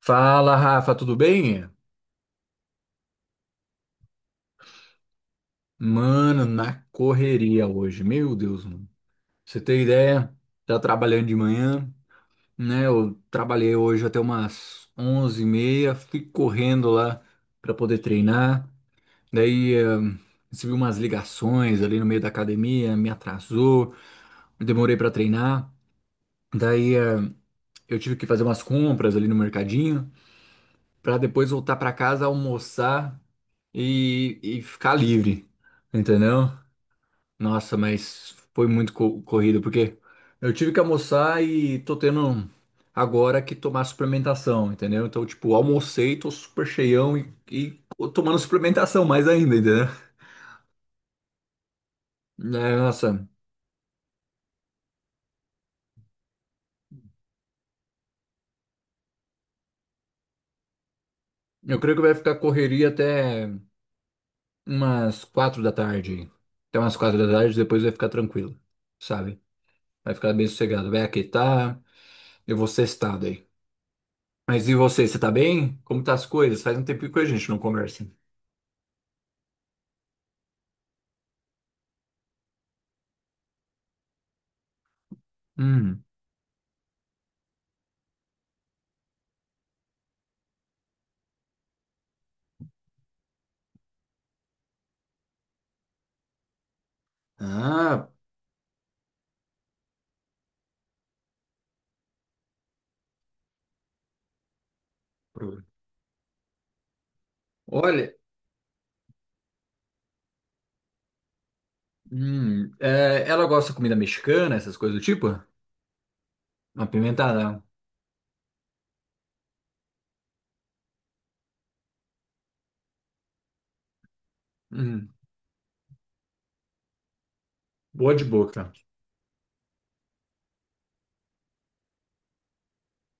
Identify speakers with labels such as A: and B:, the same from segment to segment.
A: Fala, Rafa, tudo bem? Mano, na correria hoje. Meu Deus, mano. Pra Você tem ideia? Tá trabalhando de manhã, né? Eu trabalhei hoje até umas 11h30, fui correndo lá pra poder treinar. Daí, recebi umas ligações ali no meio da academia, me atrasou, demorei pra treinar. Daí, eu tive que fazer umas compras ali no mercadinho pra depois voltar pra casa, almoçar e ficar livre, entendeu? Nossa, mas foi muito corrido, porque eu tive que almoçar e tô tendo agora que tomar suplementação, entendeu? Então, tipo, almocei, tô super cheião e tomando suplementação mais ainda, entendeu? É, nossa, eu creio que vai ficar correria até umas 4 da tarde. Até umas quatro da tarde, depois vai ficar tranquilo, sabe? Vai ficar bem sossegado, vai aquietar, eu vou sextar daí. Mas e você, você tá bem? Como tá as coisas? Faz um tempinho que a gente não conversa. Hum. Ah, Pro- Olha, ela gosta de comida mexicana, essas coisas do tipo? Apimentada. Hum, boa de boca.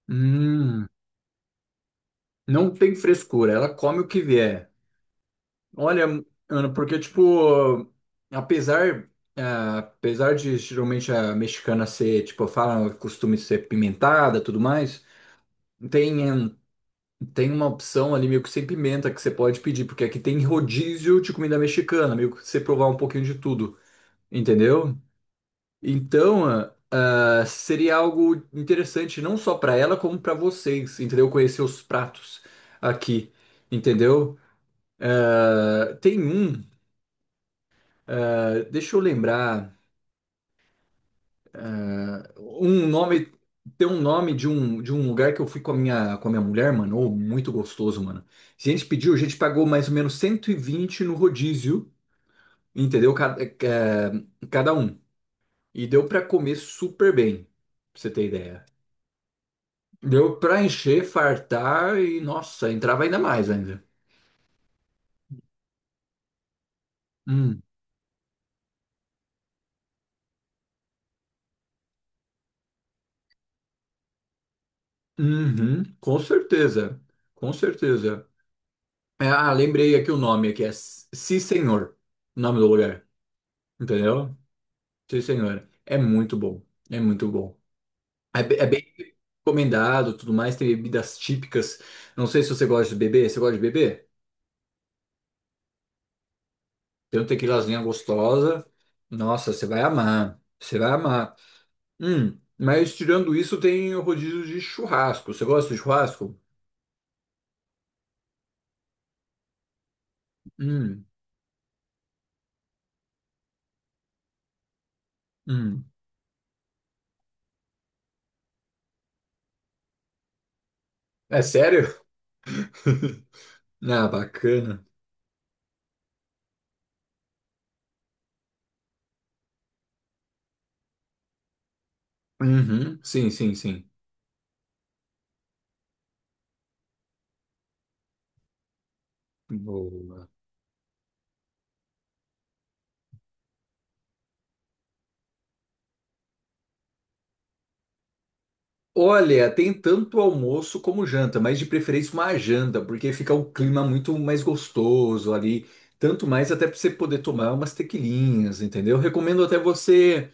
A: Hum, não tem frescura, ela come o que vier. Olha, Ana, porque, tipo, apesar, apesar de geralmente a mexicana ser, tipo, costume ser pimentada, tudo mais, tem, hum, tem uma opção ali meio que sem pimenta que você pode pedir, porque aqui tem rodízio de comida mexicana, meio que você provar um pouquinho de tudo, entendeu? Então, seria algo interessante não só para ela, como para vocês, entendeu? Conhecer os pratos aqui, entendeu? Ah, tem um, deixa eu lembrar, um nome, tem um nome de um lugar que eu fui com a minha mulher, mano, ô, muito gostoso, mano. A gente pediu, a gente pagou mais ou menos 120 no rodízio, entendeu? Cada um. E deu para comer super bem, pra você ter ideia. Deu pra encher, fartar e, nossa, entrava ainda mais ainda. Hum. Uhum, com certeza. Com certeza. É, ah, lembrei aqui o nome aqui, é Sim Senhor, o nome do lugar. Entendeu? Sim Senhor. É muito bom. É muito bom. É bem recomendado, tudo mais, tem bebidas típicas. Não sei se você gosta de beber. Você gosta de beber? Tem um tequilazinha gostosa. Nossa, você vai amar. Você vai amar. Mas tirando isso, tem o rodízio de churrasco. Você gosta de churrasco? Hum, hum. É sério? Ah, bacana. Uhum, sim, sim, sim. Boa. Olha, tem tanto almoço como janta, mas de preferência uma janta, porque fica o clima muito mais gostoso ali. Tanto mais até para você poder tomar umas tequilinhas, entendeu? Recomendo até você.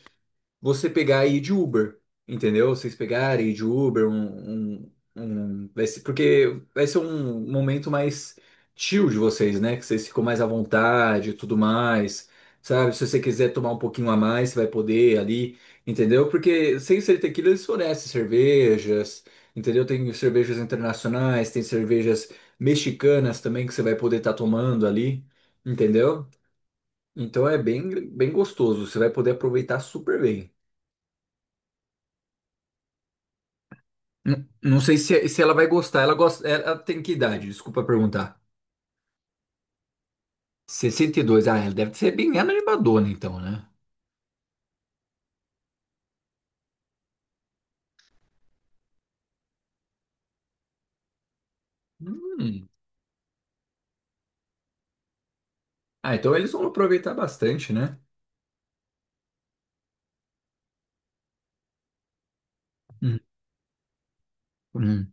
A: Você pegar e ir de Uber, entendeu? Vocês pegarem e ir de Uber, vai ser, porque vai ser um momento mais chill de vocês, né? Que vocês ficam mais à vontade e tudo mais, sabe? Se você quiser tomar um pouquinho a mais, você vai poder ali, entendeu? Porque sem ser tequila, eles fornecem cervejas, entendeu? Tem cervejas internacionais, tem cervejas mexicanas também que você vai poder estar tomando ali, entendeu? Então é bem, bem gostoso, você vai poder aproveitar super bem. Não sei se, se ela vai gostar. Ela gosta. Ela tem que idade? Desculpa perguntar. 62. Ah, ela deve ser bem animadona, então, né? Hum. Ah, então eles vão aproveitar bastante, né? Hum. Hum.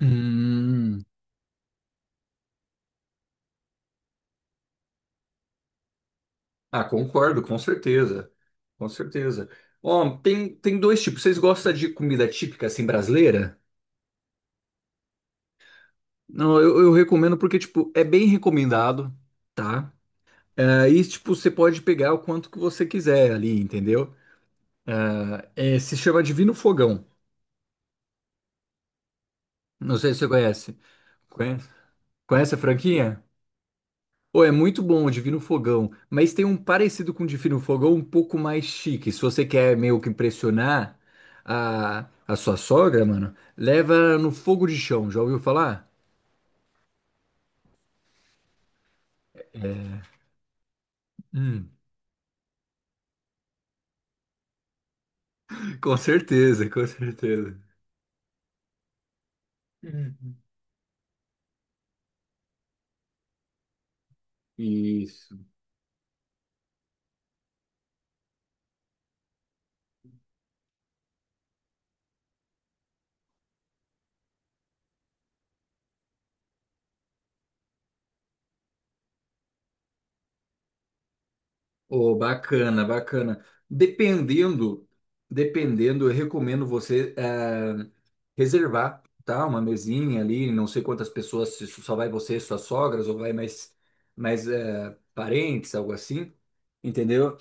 A: Hum. Ah, concordo, com certeza. Com certeza. Ó, tem, tem dois tipos. Vocês gostam de comida típica, assim, brasileira? Não, eu recomendo porque, tipo, é bem recomendado, tá? É, e, tipo, você pode pegar o quanto que você quiser ali, entendeu? Ah, é, se chama Divino Fogão. Não sei se você conhece. Conhece, conhece a franquia? Pô, é muito bom o Divino Fogão, mas tem um parecido com o Divino Fogão um pouco mais chique. Se você quer meio que impressionar a sua sogra, mano, leva no fogo de chão. Já ouviu falar? Hum. Com certeza, com certeza. Uhum. Isso. Oh, bacana, bacana. Dependendo, dependendo, eu recomendo você, reservar, tá? Uma mesinha ali, não sei quantas pessoas, se só vai você, suas sogras, ou vai parentes, algo assim, entendeu?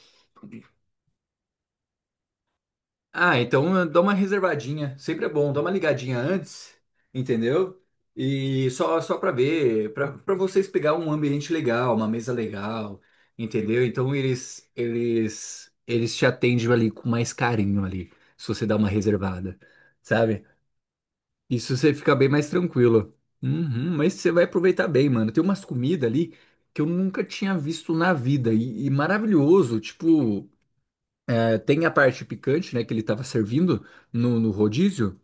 A: Ah, então dá uma reservadinha, sempre é bom, dá uma ligadinha antes, entendeu? E só para ver, para vocês pegar um ambiente legal, uma mesa legal, entendeu? Então eles te atendem ali com mais carinho ali, se você dá uma reservada, sabe? Isso você fica bem mais tranquilo. Uhum, mas você vai aproveitar bem, mano. Tem umas comidas ali que eu nunca tinha visto na vida. E maravilhoso. Tipo, é, tem a parte picante, né? Que ele tava servindo no rodízio.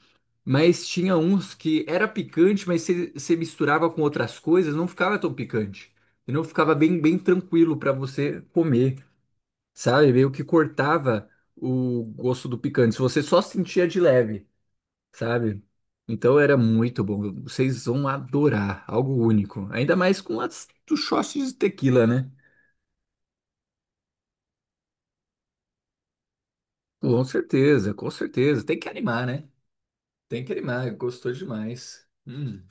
A: Mas tinha uns que era picante, mas você misturava com outras coisas, não ficava tão picante. E não ficava bem, bem tranquilo pra você comer, sabe? Meio que cortava o gosto do picante. Se você só sentia de leve sabe? Então era muito bom. Vocês vão adorar, algo único. Ainda mais com as dos shots de tequila, né? Com certeza, com certeza. Tem que animar, né? Tem que animar, gostou demais. Hum.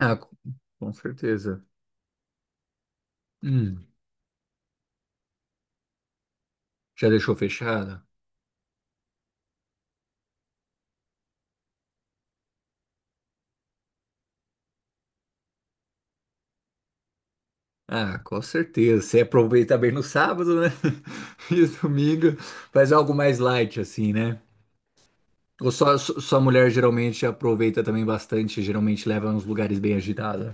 A: Ah, com certeza. Hum. Já deixou fechado? Ah, com certeza. Você aproveita bem no sábado, né? E domingo faz algo mais light, assim, né? Ou sua mulher geralmente aproveita também bastante, geralmente leva nos lugares bem agitados.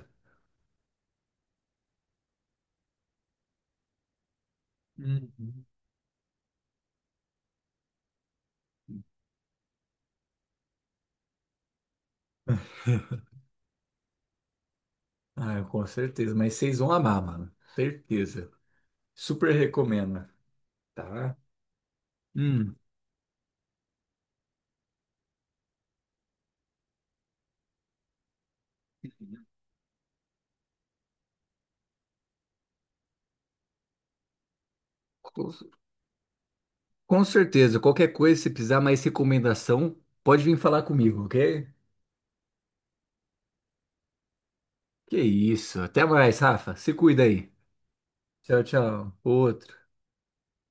A: Hum. Ah, com certeza. Mas vocês vão amar, mano. Certeza. Super recomendo, tá? Hum, com com certeza. Qualquer coisa, se precisar mais recomendação, pode vir falar comigo, ok? Que isso. Até mais, Rafa. Se cuida aí. Tchau, tchau. Outro.